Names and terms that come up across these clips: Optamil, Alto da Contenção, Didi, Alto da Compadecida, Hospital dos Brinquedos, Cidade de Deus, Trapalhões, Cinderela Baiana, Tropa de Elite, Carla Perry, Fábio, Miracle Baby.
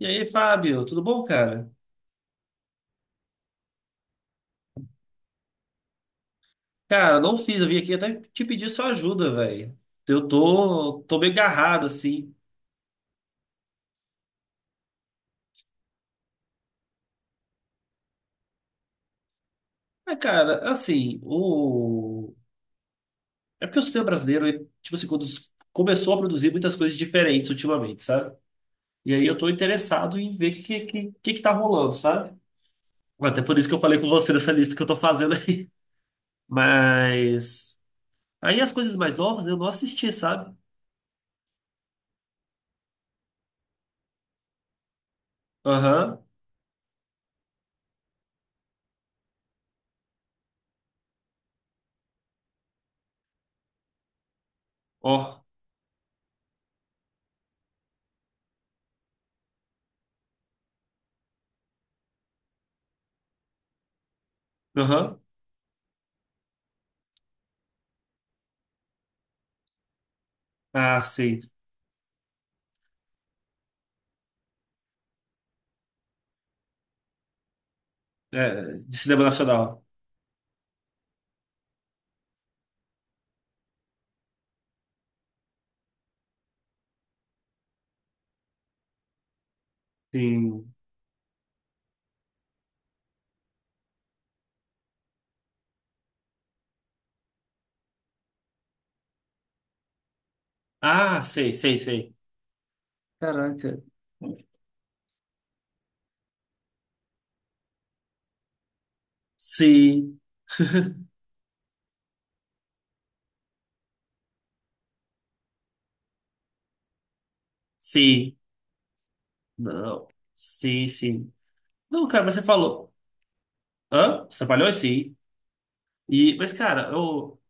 E aí, Fábio, tudo bom, cara? Cara, não fiz, eu vim aqui até te pedir sua ajuda, velho. Eu tô meio agarrado, assim. Mas, cara, assim, o. É porque o cinema brasileiro, ele, tipo assim, quando começou a produzir muitas coisas diferentes ultimamente, sabe? E aí eu tô interessado em ver o que tá rolando, sabe? Até por isso que eu falei com você nessa lista que eu tô fazendo aí. Mas. Aí as coisas mais novas eu não assisti, sabe? Aham. Ó. Aham. Ah, sim. É, de cinema nacional. Sim. Ah, sei, sei, sei. Caraca. Sim, sim. Não. Sim, sim. Não, cara, mas você falou. Hã? Você trabalhou? Sim. E, mas, cara, eu.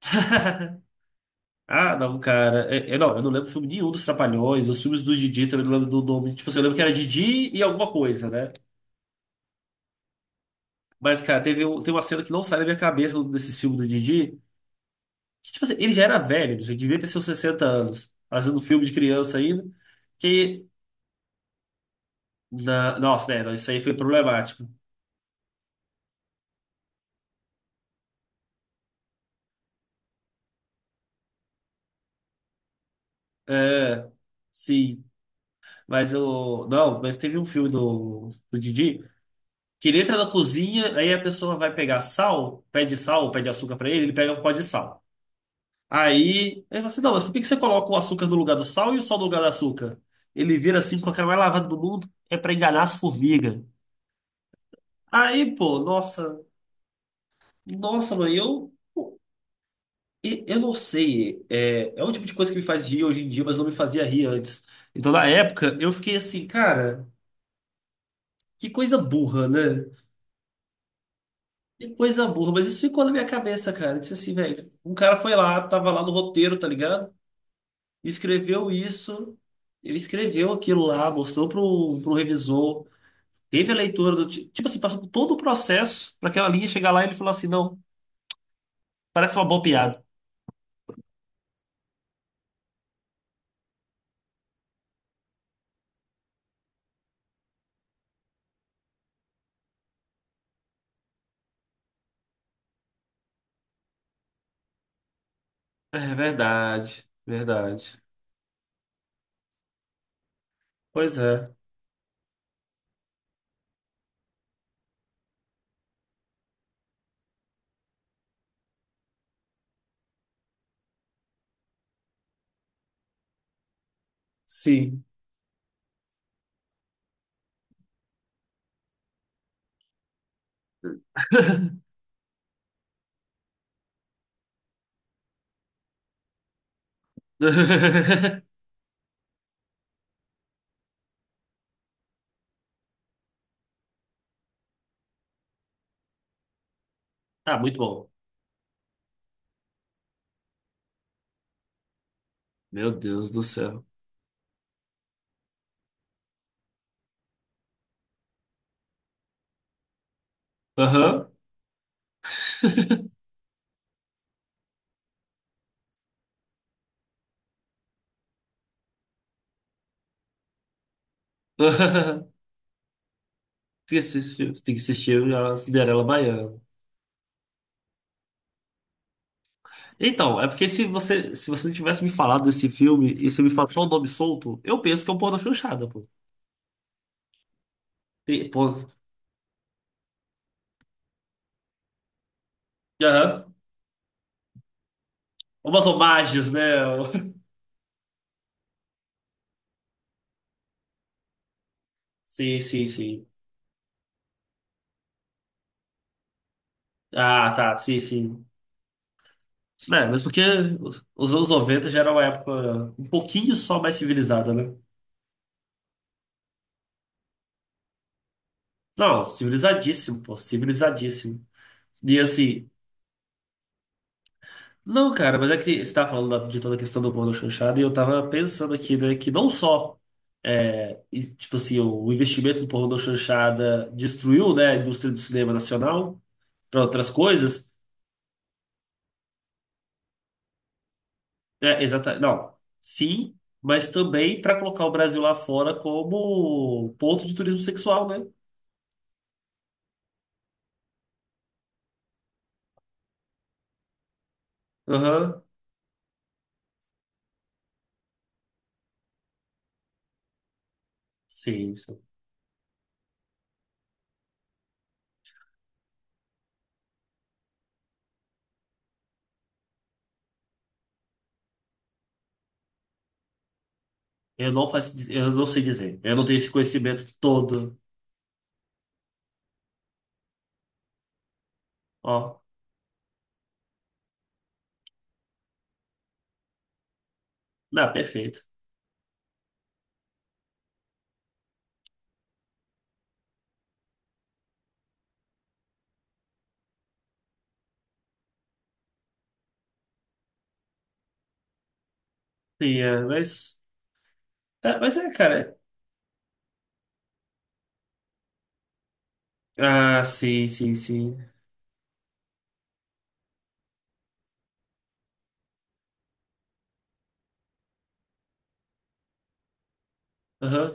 Ah, não, cara. É, não, eu não lembro filme nenhum dos Trapalhões. Os filmes do Didi também não lembro do nome. Tipo assim, eu lembro que era Didi e alguma coisa, né? Mas, cara, teve um, tem uma cena que não sai da minha cabeça desse filme do Didi. Que, tipo assim, ele já era velho, ele já devia ter seus 60 anos, fazendo filme de criança ainda. que Nossa, né? Isso aí foi problemático. É, sim. Mas eu. Não, mas teve um filme do, Didi que ele entra na cozinha, aí a pessoa vai pegar sal, pede açúcar pra ele, ele pega um pó de sal. Aí ele fala assim: não, mas por que que você coloca o açúcar no lugar do sal e o sal no lugar do açúcar? Ele vira assim com a cara mais lavada do mundo, é pra enganar as formigas. Aí, pô, nossa, nossa, mãe, eu. E eu não sei, é um tipo de coisa que me faz rir hoje em dia, mas não me fazia rir antes. Então, na época, eu fiquei assim, cara, que coisa burra, né? Que coisa burra, mas isso ficou na minha cabeça, cara. Eu disse assim, velho, um cara foi lá, tava lá no roteiro, tá ligado? Escreveu isso, ele escreveu aquilo lá, mostrou pro revisor, teve a leitura do. Tipo assim, passou por todo o processo pra aquela linha chegar lá e ele falou assim: não, parece uma boa piada. É verdade, verdade. Pois é, sim. Ah, muito bom. Meu Deus do céu. Aham. Tem que assistir a Cinderela Baiana. Então, é porque se você não tivesse me falado desse filme e você me fala só o nome solto, eu penso que é um pornô chanchada, pô. Pô. Aham. Umas homagens, né? Sim, sim, sim. Ah, tá, sim, sim. É, mas porque os anos 90 já era uma época um pouquinho só mais civilizada, né? Não, civilizadíssimo, pô, civilizadíssimo. E assim, não, cara, mas é que você tava falando de toda a questão do bolo chanchado e eu tava pensando aqui, né, que não só, é, e, tipo assim, o investimento do pornô chanchada destruiu, né, a indústria do cinema nacional para outras coisas, né, exata, não, sim, mas também para colocar o Brasil lá fora como ponto de turismo sexual, né? Aham, sim, sim. Eu não faço, eu não sei dizer, eu não tenho esse conhecimento todo, ó, não, perfeito. Sim, é, mas. É, mas é, cara. Ah, sim, sim, sim. Aham,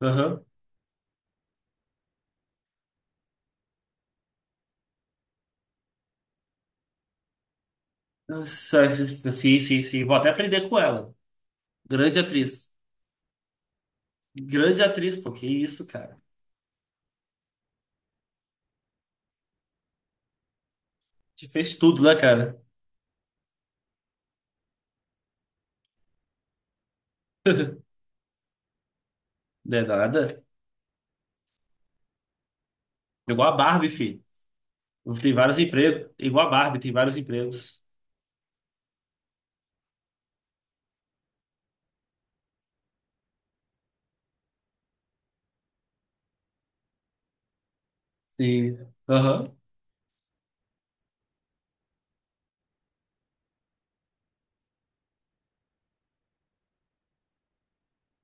aham. Nossa. Sim, sim, sim. Vou até aprender com ela. Grande atriz. Grande atriz, pô. Que isso, cara. Te fez tudo, né, cara? Não é nada. Igual a Barbie, filho. Tem vários empregos. Igual a Barbie, tem vários empregos. Sim. Aham.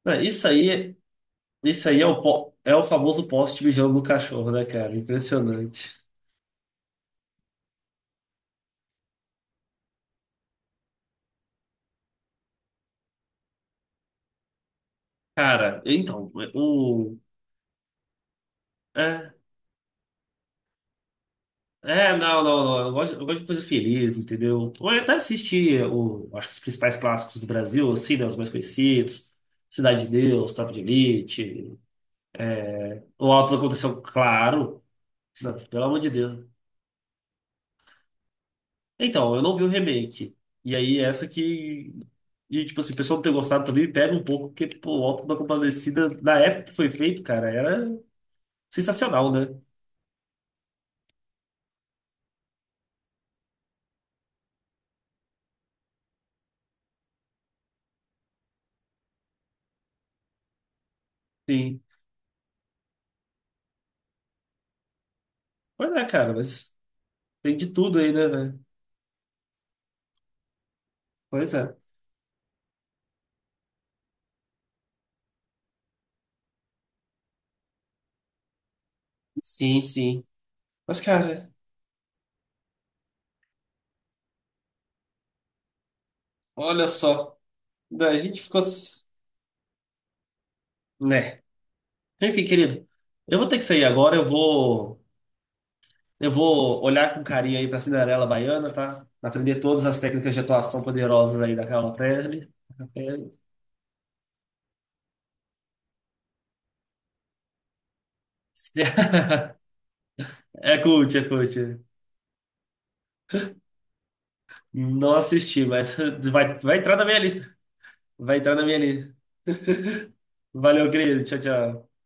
É, isso aí, isso aí é o famoso poste mijando no cachorro, né, cara? Impressionante. Cara, então, o. é, É, não, não, não. Eu gosto de coisa feliz, entendeu? Eu até assisti, o, acho que os principais clássicos do Brasil, assim, né? Os mais conhecidos. Cidade de Deus, Tropa de Elite. O Alto da Contenção, claro. Não, pelo amor de Deus. Então, eu não vi o remake. E aí, essa que. E, tipo assim, o pessoal não ter gostado também me pega um pouco, porque, pô, o Alto da Compadecida, na época que foi feito, cara, era sensacional, né? Sim. Pois é, cara, mas tem de tudo aí, né, velho? Pois é. Sim, sim. Mas, cara, olha só. Daí a gente ficou. Né? Enfim, querido, eu vou ter que sair agora. Eu vou olhar com carinho aí pra Cinderela Baiana, tá? Aprender todas as técnicas de atuação poderosas aí da Carla Perry. É cult, é cult. Não assisti, mas vai entrar na minha lista. Vai entrar na minha lista. Valeu, querido. Tchau, tchau.